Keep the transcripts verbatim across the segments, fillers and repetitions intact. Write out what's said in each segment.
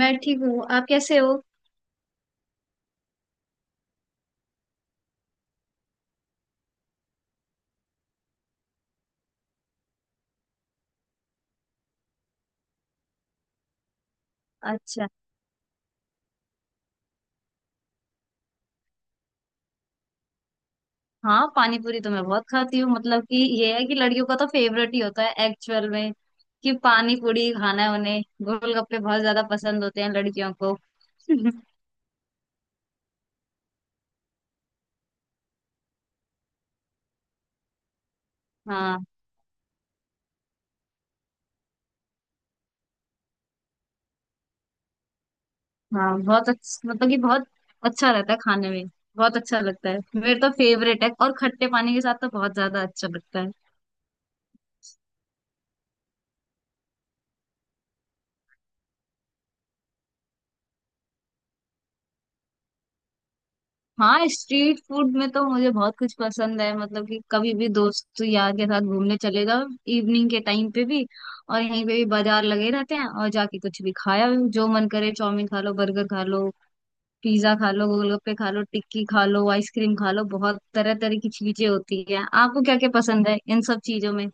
मैं ठीक हूँ। आप कैसे हो? अच्छा। हाँ, पानी पूरी तो मैं बहुत खाती हूँ। मतलब कि ये है कि लड़कियों का तो फेवरेट ही होता है एक्चुअल में, कि पानी पूरी खाना है उन्हें। गोलगप्पे बहुत ज्यादा पसंद होते हैं लड़कियों को। हाँ। हाँ बहुत अच्छा, मतलब कि बहुत अच्छा रहता है खाने में। बहुत अच्छा लगता है, मेरे तो फेवरेट है, और खट्टे पानी के साथ तो बहुत ज्यादा अच्छा लगता है। हाँ, स्ट्रीट फूड में तो मुझे बहुत कुछ पसंद है। मतलब कि कभी भी दोस्त यार के साथ घूमने चले जाओ, इवनिंग के टाइम पे भी, और यहीं पे भी बाजार लगे रहते हैं और जाके कुछ भी खाया, जो मन करे। चाउमीन खा लो, बर्गर खा लो, पिज्जा खा लो, गोलगप्पे खा लो, टिक्की खा लो, आइसक्रीम खा लो, बहुत तरह तरह की चीजें होती है। आपको क्या क्या पसंद है इन सब चीजों में?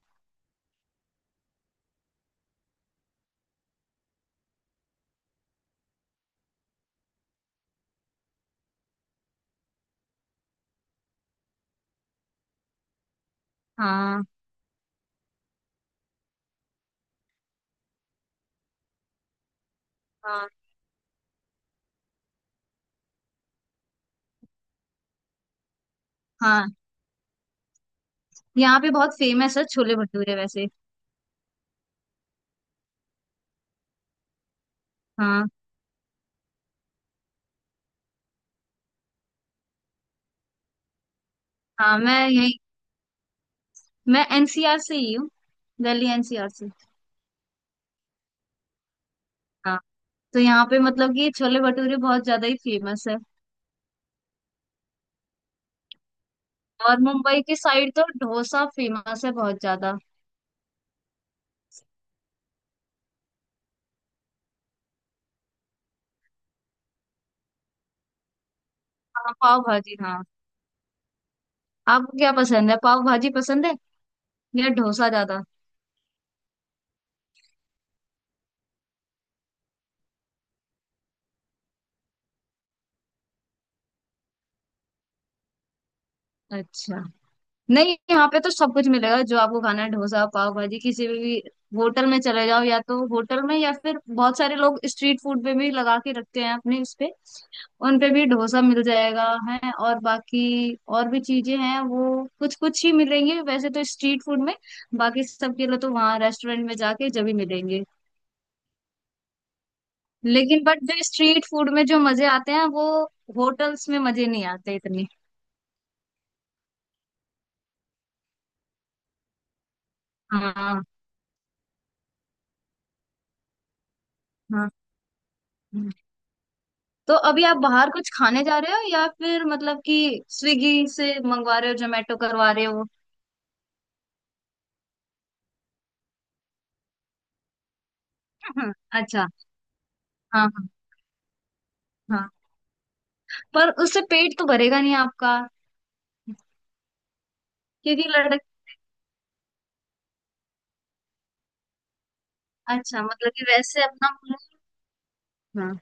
हाँ, हाँ। हाँ, यहाँ पे बहुत फेमस है छोले भटूरे वैसे। हाँ। हाँ, मैं यही, मैं एन सी आर से ही हूँ, दिल्ली एन सी आर से। हाँ। तो यहाँ पे मतलब कि छोले भटूरे बहुत ज्यादा ही फेमस है। और मुंबई की साइड तो डोसा फेमस है बहुत ज्यादा। हाँ, पाव भाजी, हाँ। आपको क्या पसंद है? पाव भाजी पसंद है या डोसा ज्यादा? अच्छा। नहीं, यहाँ पे तो सब कुछ मिलेगा जो आपको खाना है। डोसा, पाव भाजी, किसी भी, भी होटल में चले जाओ, या तो होटल में या फिर बहुत सारे लोग स्ट्रीट फूड पे भी लगा के रखते हैं अपने उस पे, उन पे भी डोसा मिल जाएगा। है और बाकी और भी चीजें हैं, वो कुछ कुछ ही मिलेंगे वैसे तो स्ट्रीट फूड में। बाकी सबके लिए तो वहाँ रेस्टोरेंट में जाके जब ही मिलेंगे। लेकिन बट जो स्ट्रीट फूड में जो मजे आते हैं, वो होटल्स में मजे नहीं आते इतने। हाँ, हाँ। हाँ। तो अभी आप बाहर कुछ खाने जा रहे हो, या फिर मतलब कि स्विगी से मंगवा रहे हो, जोमेटो करवा रहे हो? अच्छा। हाँ, हाँ। हाँ। पर उससे पेट तो भरेगा नहीं आपका, क्योंकि लड़क अच्छा, मतलब कि वैसे अपना। हाँ,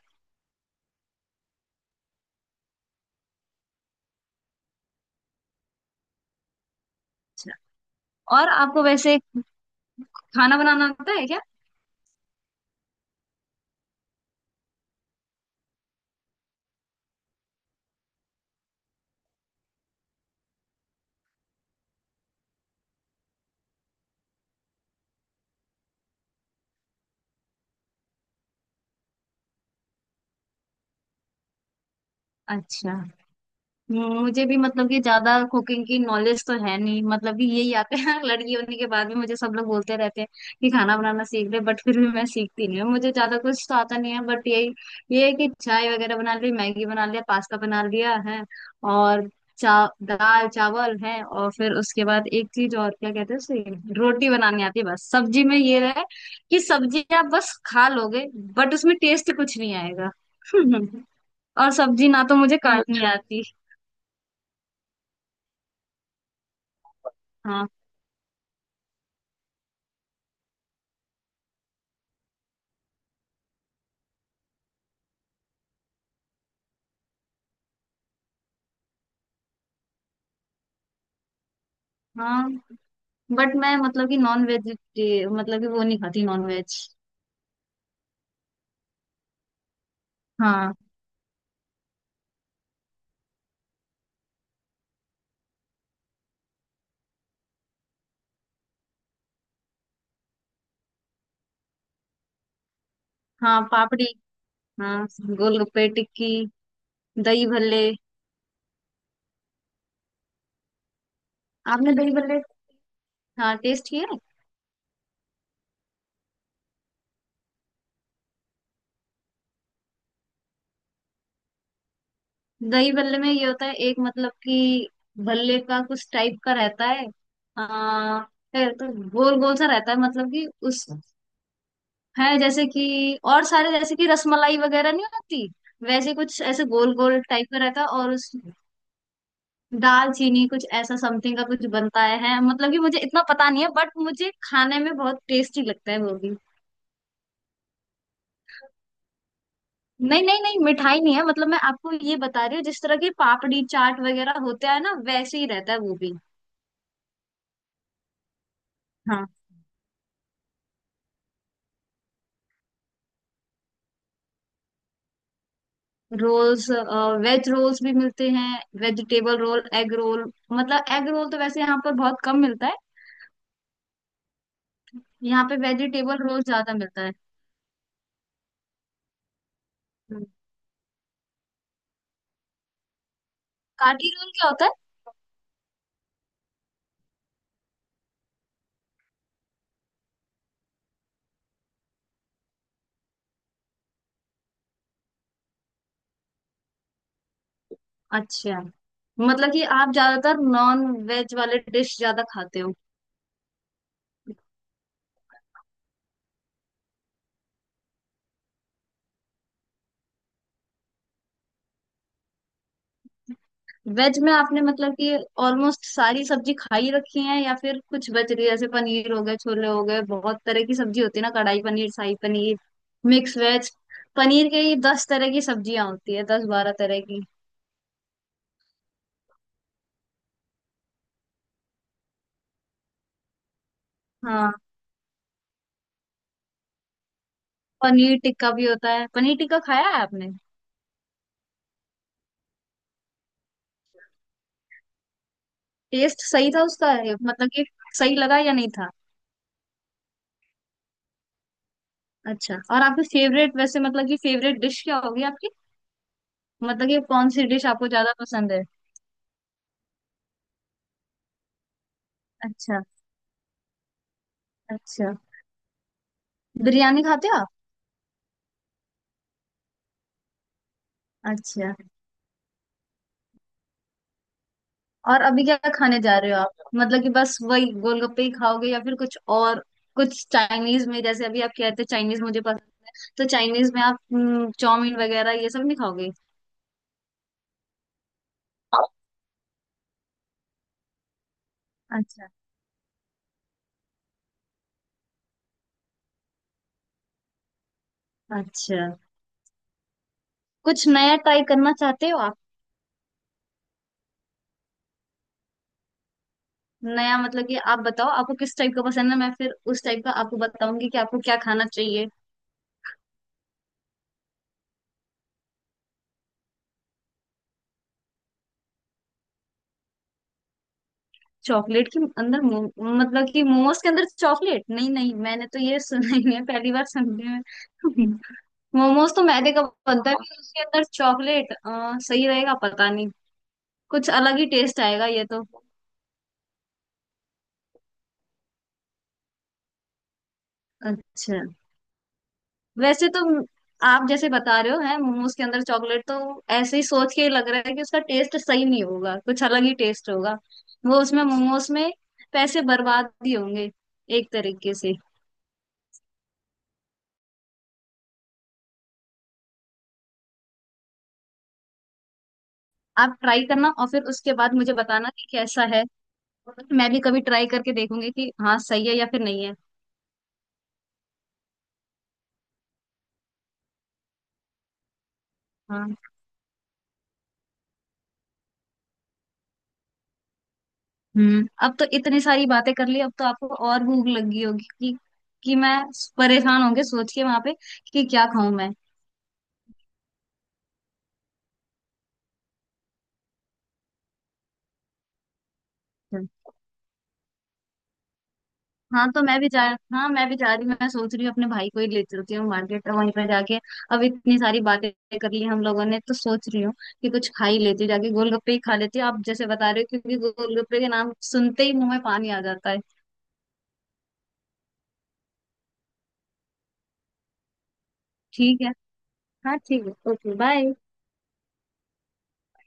और आपको वैसे खाना बनाना आता है क्या? अच्छा। हम्म, मुझे भी मतलब कि ज्यादा कुकिंग की नॉलेज तो है नहीं, मतलब कि यही आते हैं। लड़की होने के बाद भी मुझे सब लोग बोलते रहते हैं कि खाना बनाना सीख ले, बट फिर भी मैं सीखती नहीं हूँ। मुझे ज्यादा कुछ तो आता नहीं है, बट यही ये है कि चाय वगैरह बना ली, मैगी बना लिया, पास्ता बना लिया है। और चा दाल चावल है, और फिर उसके बाद एक चीज और, क्या कहते हैं उसे, रोटी बनानी आती है बस। सब्जी में ये रहे कि सब्जी आप बस खा लोगे, बट उसमें टेस्ट कुछ नहीं आएगा। और सब्जी ना तो मुझे काटनी अच्छा आती। हाँ, हाँ। बट मैं मतलब कि नॉन वेज, मतलब कि वो नहीं खाती नॉन वेज। हाँ। हाँ, पापड़ी। हाँ, गोलगप्पे, टिक्की, दही भल्ले। आपने दही भल्ले, हाँ, टेस्ट किया है? दही भल्ले में ये होता है, एक मतलब कि भल्ले का कुछ टाइप का रहता है, आ, है तो गोल गोल सा रहता है। मतलब कि उस है जैसे कि, और सारे जैसे कि रसमलाई वगैरह नहीं होती, वैसे कुछ ऐसे गोल गोल टाइप का रहता है, और उस दाल चीनी कुछ ऐसा समथिंग का कुछ बनता है। मतलब कि मुझे इतना पता नहीं है, बट मुझे खाने में बहुत टेस्टी लगता है वो भी। नहीं नहीं नहीं, मिठाई नहीं है। मतलब मैं आपको ये बता रही हूँ, जिस तरह की पापड़ी चाट वगैरह होता है ना, वैसे ही रहता है वो भी। हाँ। रोल्स? वेज रोल्स भी मिलते हैं, वेजिटेबल रोल, एग रोल। मतलब एग रोल तो वैसे यहाँ पर बहुत कम मिलता है। यहाँ पे वेजिटेबल रोल ज्यादा मिलता है। हम्म। काठी रोल क्या होता है? अच्छा, मतलब कि आप ज्यादातर नॉन वेज वाले डिश ज्यादा खाते हो? वेज में आपने मतलब कि ऑलमोस्ट सारी सब्जी खाई रखी है, या फिर कुछ बच रही है? जैसे पनीर हो गए, छोले हो गए, बहुत तरह की सब्जी होती है ना, कढ़ाई पनीर, शाही पनीर, मिक्स वेज। पनीर के ही दस तरह की सब्जियां होती है, दस बारह तरह की। हाँ, पनीर टिक्का भी होता है। पनीर टिक्का खाया है आपने? टेस्ट सही था उसका, ये मतलब कि सही लगा या नहीं था? अच्छा। और आपकी फेवरेट वैसे, मतलब कि फेवरेट डिश क्या होगी आपकी, मतलब कि कौन सी डिश आपको ज्यादा पसंद है? अच्छा। अच्छा। बिरयानी खाते हो आप? अच्छा। और अभी क्या खाने जा रहे हो आप, मतलब कि बस वही गोलगप्पे ही खाओगे या फिर कुछ और? कुछ चाइनीज में, जैसे अभी आप कहते हो चाइनीज मुझे पसंद, तो चाइनीज में आप हम्म, चाउमीन वगैरह ये सब नहीं खाओगे? अच्छा। अच्छा। कुछ नया ट्राई करना चाहते हो आप? नया मतलब कि आप बताओ आपको किस टाइप का पसंद है, मैं फिर उस टाइप का आपको बताऊंगी कि आपको क्या खाना चाहिए। चॉकलेट के अंदर मो- मतलब कि मोमोज के अंदर चॉकलेट? नहीं नहीं, मैंने तो ये सुना ही है, पहली बार सुन रही हूँ। मोमोज तो मैदे का बनता है, फिर उसके अंदर चॉकलेट सही रहेगा पता नहीं, कुछ अलग ही टेस्ट आएगा ये तो। अच्छा। वैसे तो म- आप जैसे बता रहे हो है मोमोज के अंदर चॉकलेट, तो ऐसे ही सोच के ही लग रहा है कि उसका टेस्ट सही नहीं होगा, कुछ अलग ही टेस्ट होगा वो, उसमें मोमोज में पैसे बर्बाद ही होंगे एक तरीके से। आप ट्राई करना और फिर उसके बाद मुझे बताना कि कैसा है। मैं भी कभी ट्राई करके देखूंगी कि हाँ सही है या फिर नहीं है। हाँ। हम्म, अब तो इतनी सारी बातें कर ली, अब तो आपको और भूख लग गई होगी कि कि मैं, परेशान होंगे सोच के वहां पे कि क्या खाऊं मैं। हम्म। हाँ, तो मैं भी जा, हाँ मैं भी जा रही हूँ। मैं सोच रही हूँ अपने भाई को ही ले चलती हूँ, मार्केट वहीं पर जाके। अब इतनी सारी बातें कर ली हम लोगों ने, तो सोच रही हूँ कि कुछ खा ही लेती हूँ, जाके गोलगप्पे ही खा लेती हूँ। आप जैसे बता रहे हो, क्योंकि गोलगप्पे के नाम सुनते ही मुंह में पानी आ जाता है। ठीक है। हाँ, ठीक है, ओके, बाय।